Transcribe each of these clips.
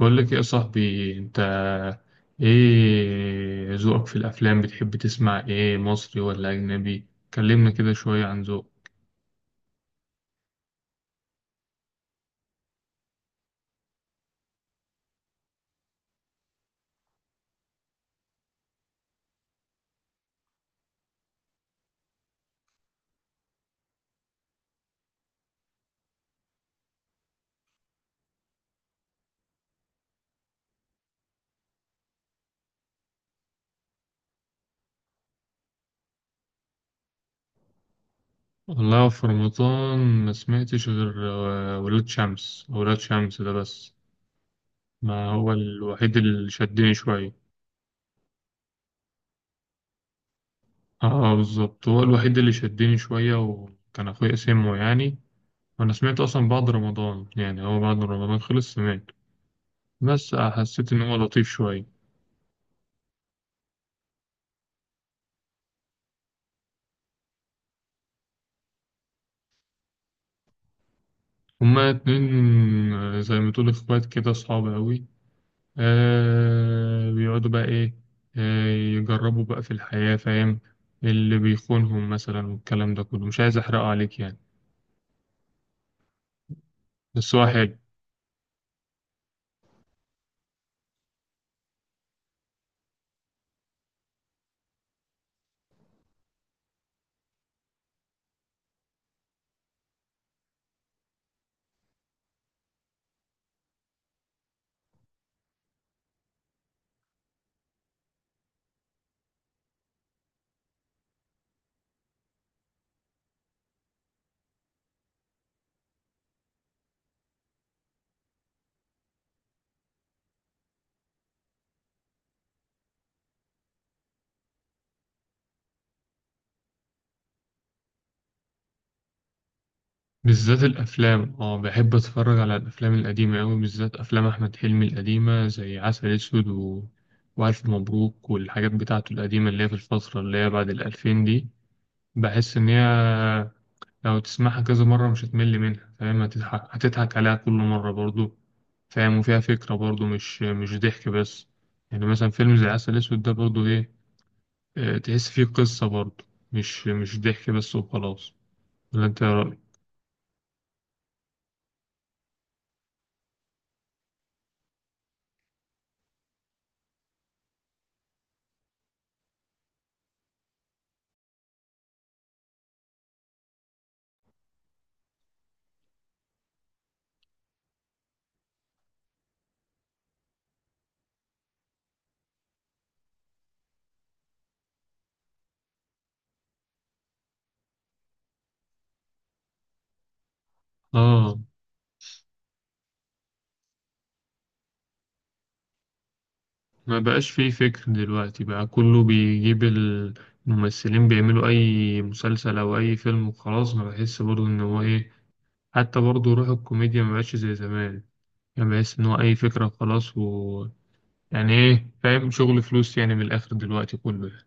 بقول لك إيه يا صاحبي انت؟ ايه ذوقك في الافلام؟ بتحب تسمع ايه، مصري ولا اجنبي؟ كلمنا كده شوية عن ذوق. والله في رمضان ما سمعتش غير ولاد شمس، ولاد شمس ده بس، ما هو الوحيد اللي شدني شوية. اه بالظبط، هو الوحيد اللي شدني شوية، وكان اخويا سمعه يعني، وانا سمعت اصلا بعد رمضان، يعني هو بعد رمضان خلص سمعت، بس حسيت ان هو لطيف شوية. هما اتنين زي ما تقول اخوات كده، صعب قوي. آه بيقعدوا بقى ايه، آه يجربوا بقى في الحياة، فاهم؟ اللي بيخونهم مثلا والكلام ده كله، مش عايز احرقه عليك يعني، بس هو حلو. بالذات الافلام، اه بحب اتفرج على الافلام القديمة قوي، بالذات افلام احمد حلمي القديمة زي عسل اسود و... والف مبروك والحاجات بتاعته القديمة اللي هي في الفترة اللي هي بعد الالفين دي. بحس ان هي لو تسمعها كذا مرة مش هتمل منها، فاهم؟ هتضحك، هتضحك عليها كل مرة برضو، فاهم؟ وفيها فكرة برضو، مش ضحك بس. يعني مثلا فيلم زي عسل أسود ده برضو إيه، تحس فيه قصة برضو، مش ضحك بس وخلاص. ولا أنت إيه رأيك؟ آه ما بقاش فيه فكر دلوقتي بقى، كله بيجيب الممثلين بيعملوا أي مسلسل أو أي فيلم وخلاص، ما بحس برضو إن هو إيه. حتى برضو روح الكوميديا ما بقاش زي زمان، يعني بحس إن هو أي فكرة خلاص و يعني ايه، فاهم؟ شغل فلوس يعني، من الاخر دلوقتي كله يعني.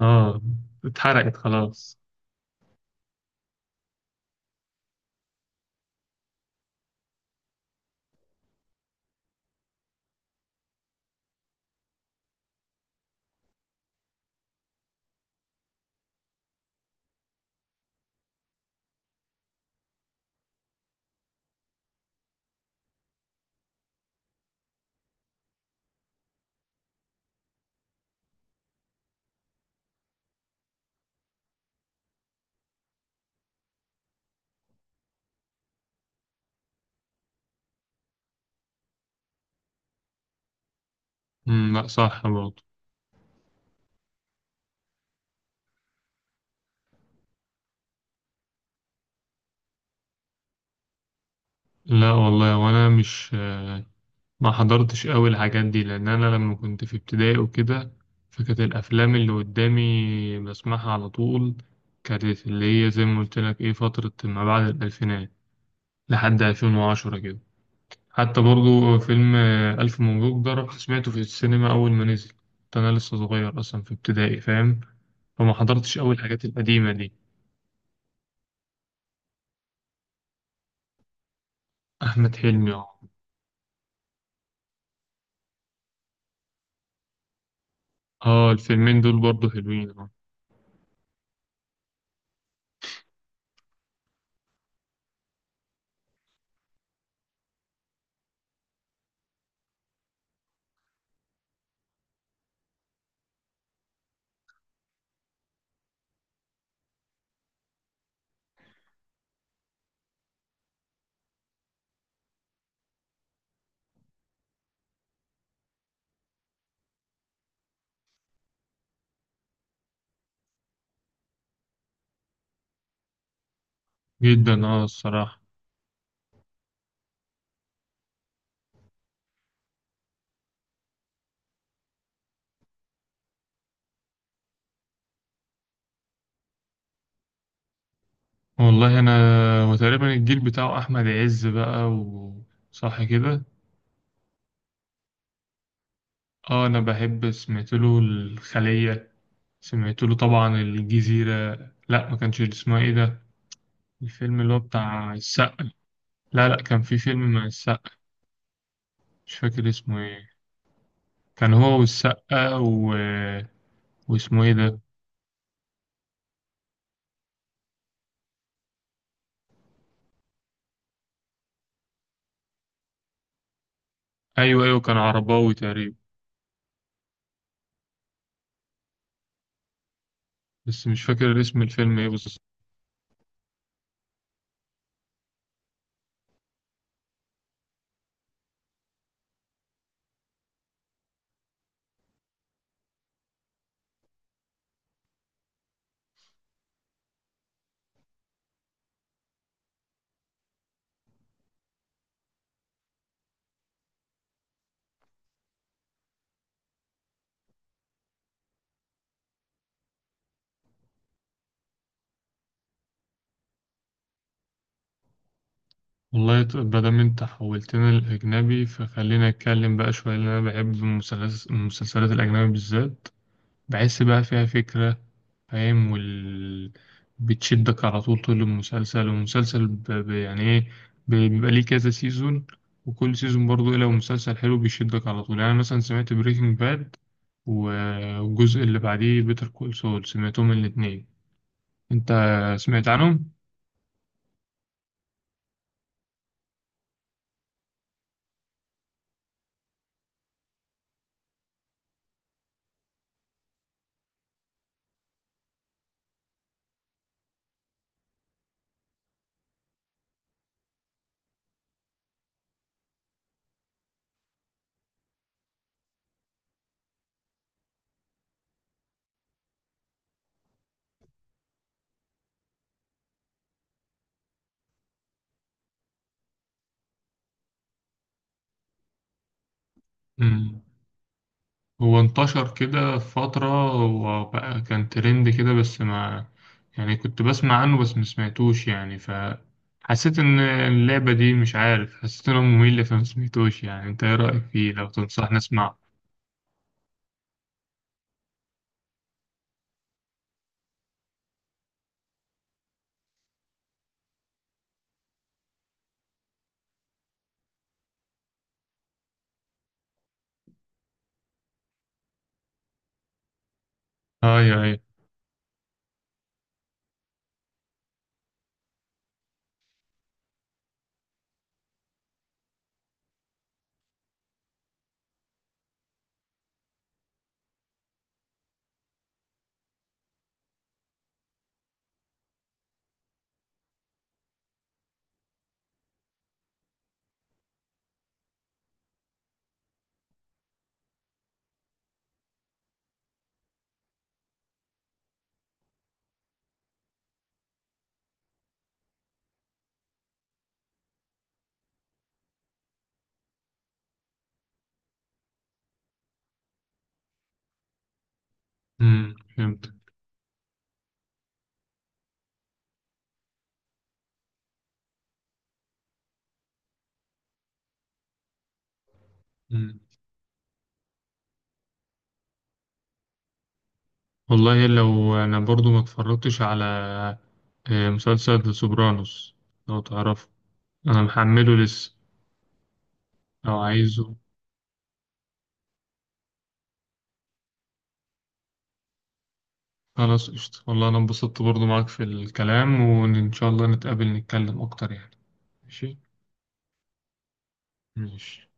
اه. اتحرقت خلاص. لا، صح برضه. لا والله، وانا مش ما حضرتش قوي الحاجات دي، لان انا لما كنت في ابتدائي وكده، فكانت الافلام اللي قدامي بسمعها على طول، كانت اللي هي زي ما قلت لك ايه، فترة ما بعد الالفينات لحد 2010 كده. حتى برضه فيلم الف مبروك ده رحت سمعته في السينما اول ما نزل، كنت انا لسه صغير اصلا في ابتدائي، فاهم؟ فما حضرتش أوي الحاجات القديمة دي. أحمد حلمي، أه. أه الفيلمين دول برضه حلوين، أه. جدا، أه، الصراحة. والله أنا، وتقريبا الجيل بتاعه أحمد عز بقى، وصح كده. أه أنا بحب، سمعت له الخلية، سمعت له طبعا الجزيرة. لأ، ما كانش اسمها إيه ده، الفيلم اللي هو بتاع السقا. لا، لأ، كان في فيلم مع السقا. مش فاكر اسمه إيه. كان هو والسقا و... واسمه إيه ده؟ أيوه أيوه، كان عرباوي تقريبا. بس مش فاكر اسم الفيلم ايه بس. والله، مادام انت حولتنا للأجنبي فخلينا نتكلم بقى شوية، لأن أنا بحب المسلسلات الأجنبي بالذات، بحس بقى فيها فكرة، فاهم؟ وال... بتشدك على طول، طول المسلسل، والمسلسل ب... ب... يعني ايه، بيبقى ليه كذا سيزون، وكل سيزون برضه إيه، لو مسلسل حلو بيشدك على طول. يعني أنا مثلا سمعت بريكنج باد، والجزء اللي بعديه بيتر كول سول، سمعتهم الاتنين. انت سمعت عنهم؟ هو انتشر كده في فترة وبقى كان ترند كده، بس ما، يعني كنت بسمع عنه بس ما سمعتوش يعني، فحسيت ان اللعبة دي مش عارف، حسيت انه ممل فما سمعتوش يعني. انت ايه رأيك فيه؟ لو تنصحني اسمعه. اي اي. امم، فهمت. مم. والله لو انا برضو ما اتفرجتش على مسلسل ذا سوبرانوس، لو تعرفه، انا محمله لسه. لو عايزه، خلاص قشطة. والله أنا انبسطت برضو معاك في الكلام، وإن إن شاء الله نتقابل نتكلم أكتر يعني. ماشي. ماشي.